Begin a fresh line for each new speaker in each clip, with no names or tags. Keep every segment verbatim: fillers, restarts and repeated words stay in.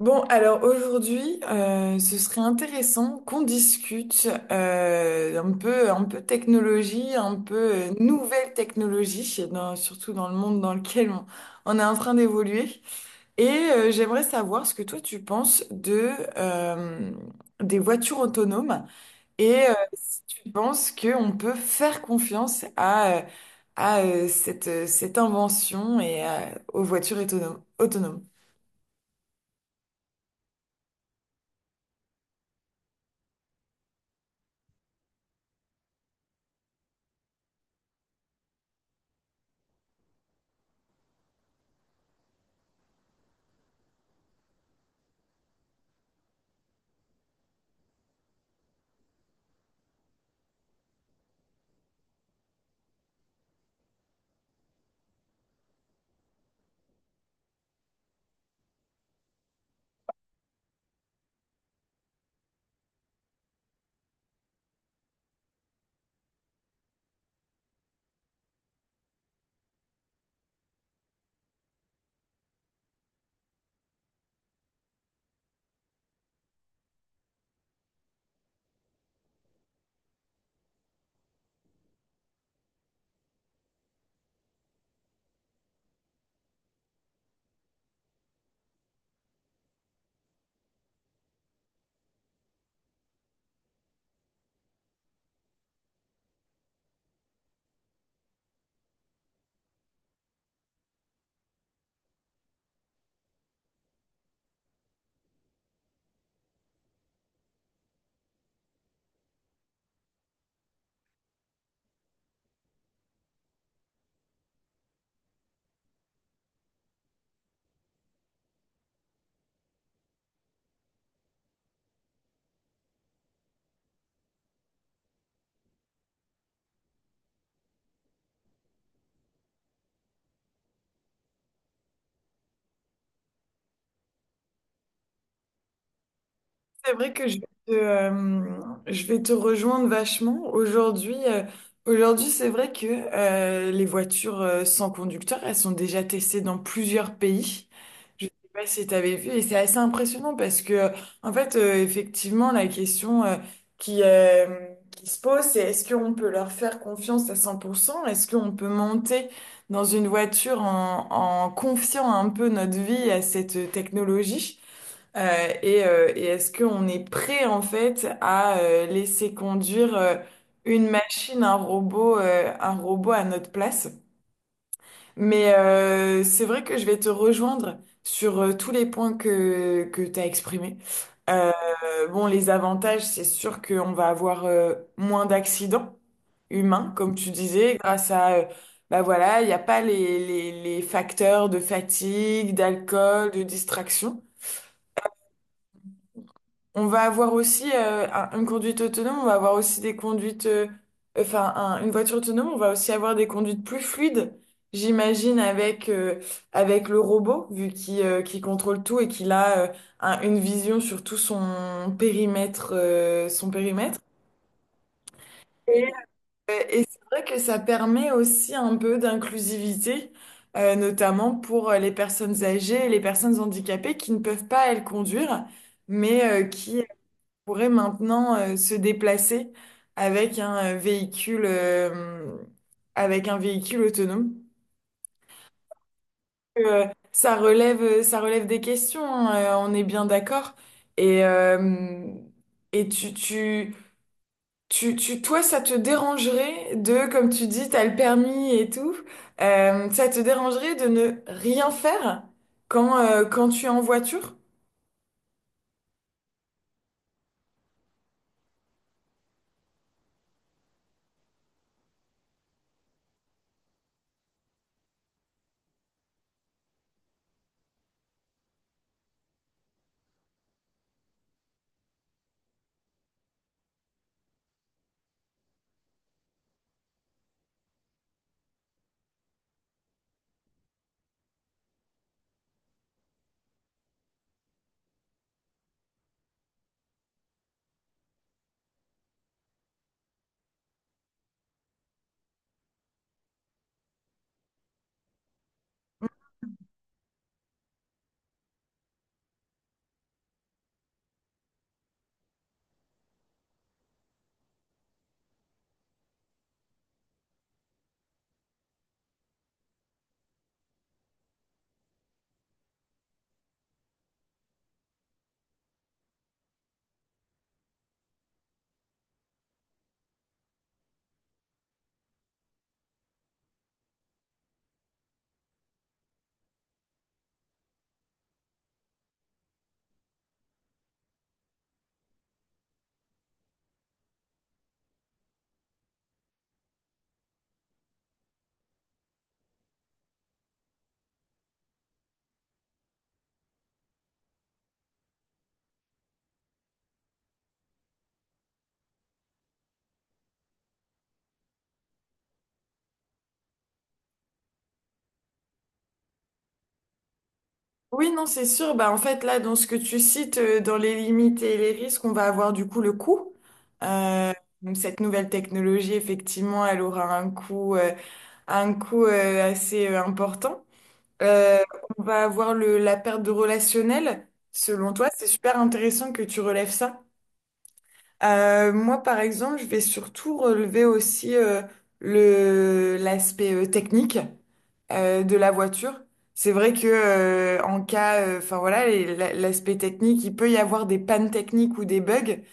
Bon, alors aujourd'hui, euh, ce serait intéressant qu'on discute euh, un peu, un peu technologie, un peu euh, nouvelle technologie, dans- surtout dans le monde dans lequel on, on est en train d'évoluer. Et euh, j'aimerais savoir ce que toi tu penses de euh, des voitures autonomes et euh, si tu penses qu'on peut faire confiance à euh, à euh, cette cette invention et à- aux voitures autonomes. autonomes. C'est vrai que je vais te, euh, je vais te rejoindre vachement. Aujourd'hui, euh, aujourd'hui, c'est vrai que euh, les voitures euh, sans conducteur, elles sont déjà testées dans plusieurs pays. Je sais pas si tu avais vu, et c'est assez impressionnant parce que, en fait, euh, effectivement, la question euh, qui, euh, qui se pose, c'est est-ce qu'on peut leur faire confiance à cent pour cent. Est-ce qu'on peut monter dans une voiture en, en confiant un peu notre vie à cette euh, technologie? Euh, et euh, et est-ce qu'on est prêt en fait à euh, laisser conduire euh, une machine, un robot, euh, un robot à notre place? Mais euh, c'est vrai que je vais te rejoindre sur euh, tous les points que, que tu as exprimés. Euh, bon, les avantages, c'est sûr qu'on va avoir euh, moins d'accidents humains, comme tu disais, grâce à, euh, bah voilà, il n'y a pas les, les, les facteurs de fatigue, d'alcool, de distraction. On va avoir aussi euh, un- une conduite autonome, on va avoir aussi des conduites, euh, enfin un- une voiture autonome, on va aussi avoir des conduites plus fluides, j'imagine, avec, euh, avec le robot, vu qu'il euh, qu'il contrôle tout et qu'il a euh, un- une vision sur tout son périmètre, euh, son périmètre. Et, euh, et c'est vrai que ça permet aussi un peu d'inclusivité, euh, notamment pour euh, les personnes âgées et les personnes handicapées qui ne peuvent pas, elles, conduire, mais euh, qui pourrait maintenant euh, se déplacer avec un euh, véhicule, euh, avec un véhicule autonome. Euh, Ça relève, euh, ça relève des questions, hein, euh, on est bien d'accord. Et, euh, et tu, tu, tu, tu- toi, ça te dérangerait de, comme tu dis, t'as le permis et tout, euh, ça te dérangerait de ne rien faire quand, euh, quand tu es en voiture? Oui, non, c'est sûr. Bah, en fait, là, dans ce que tu cites, euh, dans les limites et les risques, on va avoir du coup le coût. Euh, donc, cette nouvelle technologie, effectivement, elle aura un coût, euh, un coût euh, assez euh, important. Euh, on va avoir le, la perte de relationnel. Selon toi, c'est super intéressant que tu relèves ça. Euh, moi, par exemple, je vais surtout relever aussi euh, le l'aspect euh, technique euh, de la voiture. C'est vrai que euh, en cas, euh, enfin voilà, les- la- l'aspect technique, il peut y avoir des pannes techniques ou des bugs. J'ai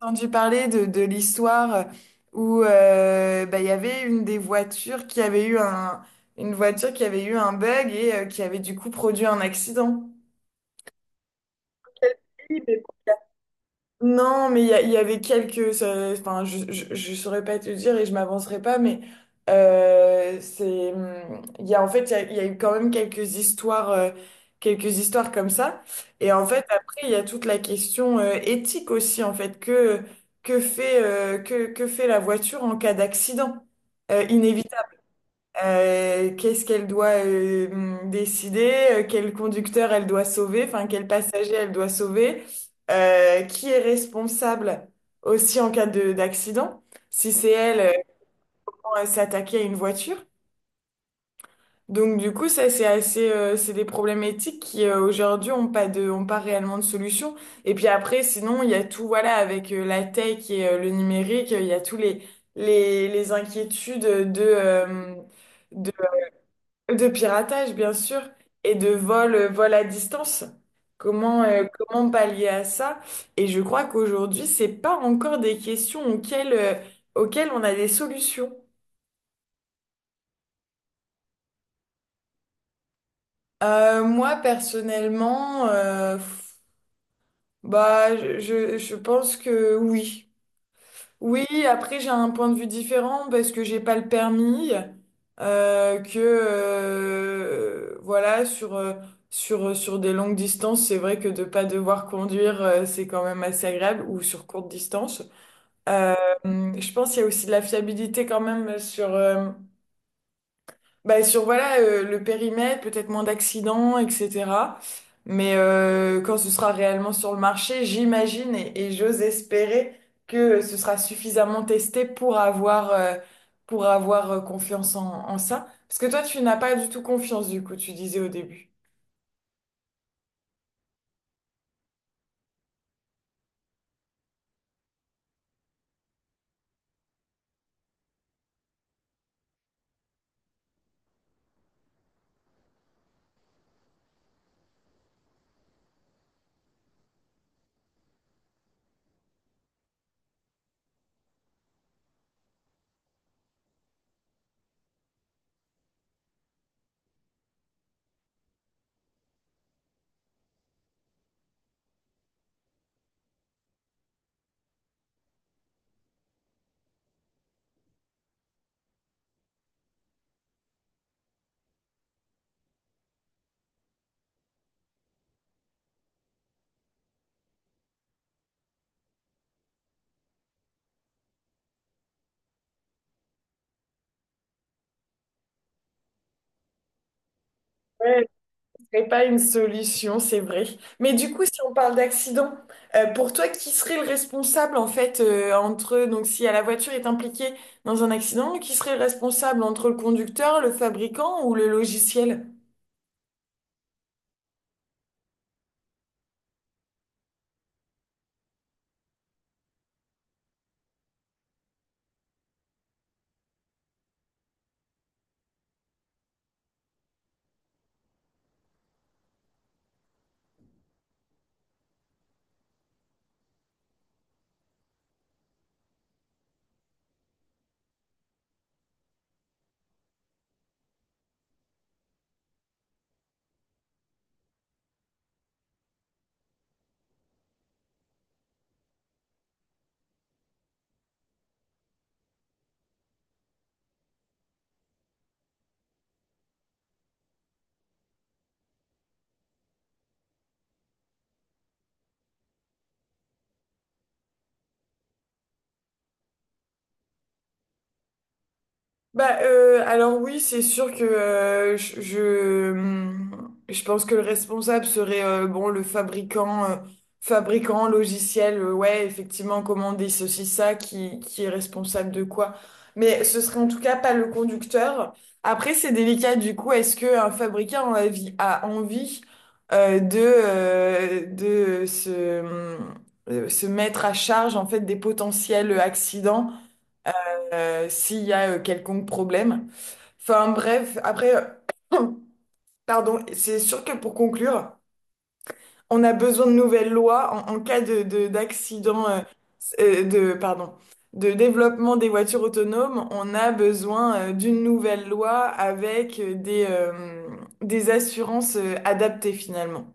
entendu parler de, de l'histoire où euh, bah, il y avait une des voitures qui avait eu un une voiture qui avait eu un bug et euh, qui avait du coup produit un accident. Non, mais il y, a- il y avait quelques. ça- Enfin, je, je, je saurais pas te dire et je m'avancerai pas, mais euh, c'est. hum, Il y a en fait, il y a, il y a eu quand même quelques histoires, euh, quelques histoires comme ça. Et en fait, après, il y a toute la question euh, éthique aussi, en fait, que que fait euh, que que fait la voiture en cas d'accident euh, inévitable. Euh, qu'est-ce qu'elle doit euh, décider, euh, quel conducteur elle doit sauver, enfin quel passager elle doit sauver, euh, qui est responsable aussi en cas de d'accident, si c'est elle euh, quand elle s'est attaquée à une voiture. Donc du coup, ça c'est assez, euh, c'est des problèmes éthiques qui euh, aujourd'hui ont pas de, ont pas réellement de solution. Et puis après, sinon il y a tout, voilà, avec euh, la tech et euh, le numérique, euh, il y a tous les les les inquiétudes de euh, de piratage, bien sûr, et de vol, euh, vol à distance. Comment, euh, comment pallier à ça? Et je crois qu'aujourd'hui, c'est pas encore des questions auxquelles, euh, auxquelles on a des solutions. Euh, moi, personnellement, euh, bah, je, je je pense que oui. Oui, après j'ai un point de vue différent parce que j'ai pas le permis, euh, que euh, voilà sur euh, sur sur des longues distances, c'est vrai que de pas devoir conduire euh, c'est quand même assez agréable ou sur courte distance. Euh, je pense qu'il y a aussi de la fiabilité quand même sur euh, bah, sur voilà euh, le périmètre, peut-être moins d'accidents, et cétéra. Mais euh, quand ce sera réellement sur le marché, j'imagine et, et j'ose espérer que ce sera suffisamment testé pour avoir euh, pour avoir euh, confiance en, en ça. Parce que toi, tu n'as pas du tout confiance du coup, tu disais au début. Serait pas une solution, c'est vrai. Mais du coup, si on parle d'accident, euh, pour toi, qui serait le responsable en fait euh, entre donc si euh, la voiture est impliquée dans un accident, qui serait le responsable entre le conducteur, le fabricant ou le logiciel? Bah, euh, alors oui, c'est sûr que euh, je, je, hum, je pense que le responsable serait euh, bon le fabricant euh, fabricant logiciel euh, ouais effectivement commander ceci ça qui qui est responsable de quoi, mais ce serait en tout cas pas le conducteur. Après c'est délicat du coup, est-ce que un fabricant a envie, a envie euh, de euh, de se hum, euh, se mettre à charge en fait des potentiels accidents euh, s'il y a euh, quelconque problème. Enfin bref, après, euh, pardon, c'est sûr que pour conclure, on a besoin de nouvelles lois en, en cas de, de- d'accident, euh, euh, de, pardon, de développement des voitures autonomes, on a besoin euh, d'une nouvelle loi avec euh, des, euh, des assurances euh, adaptées finalement.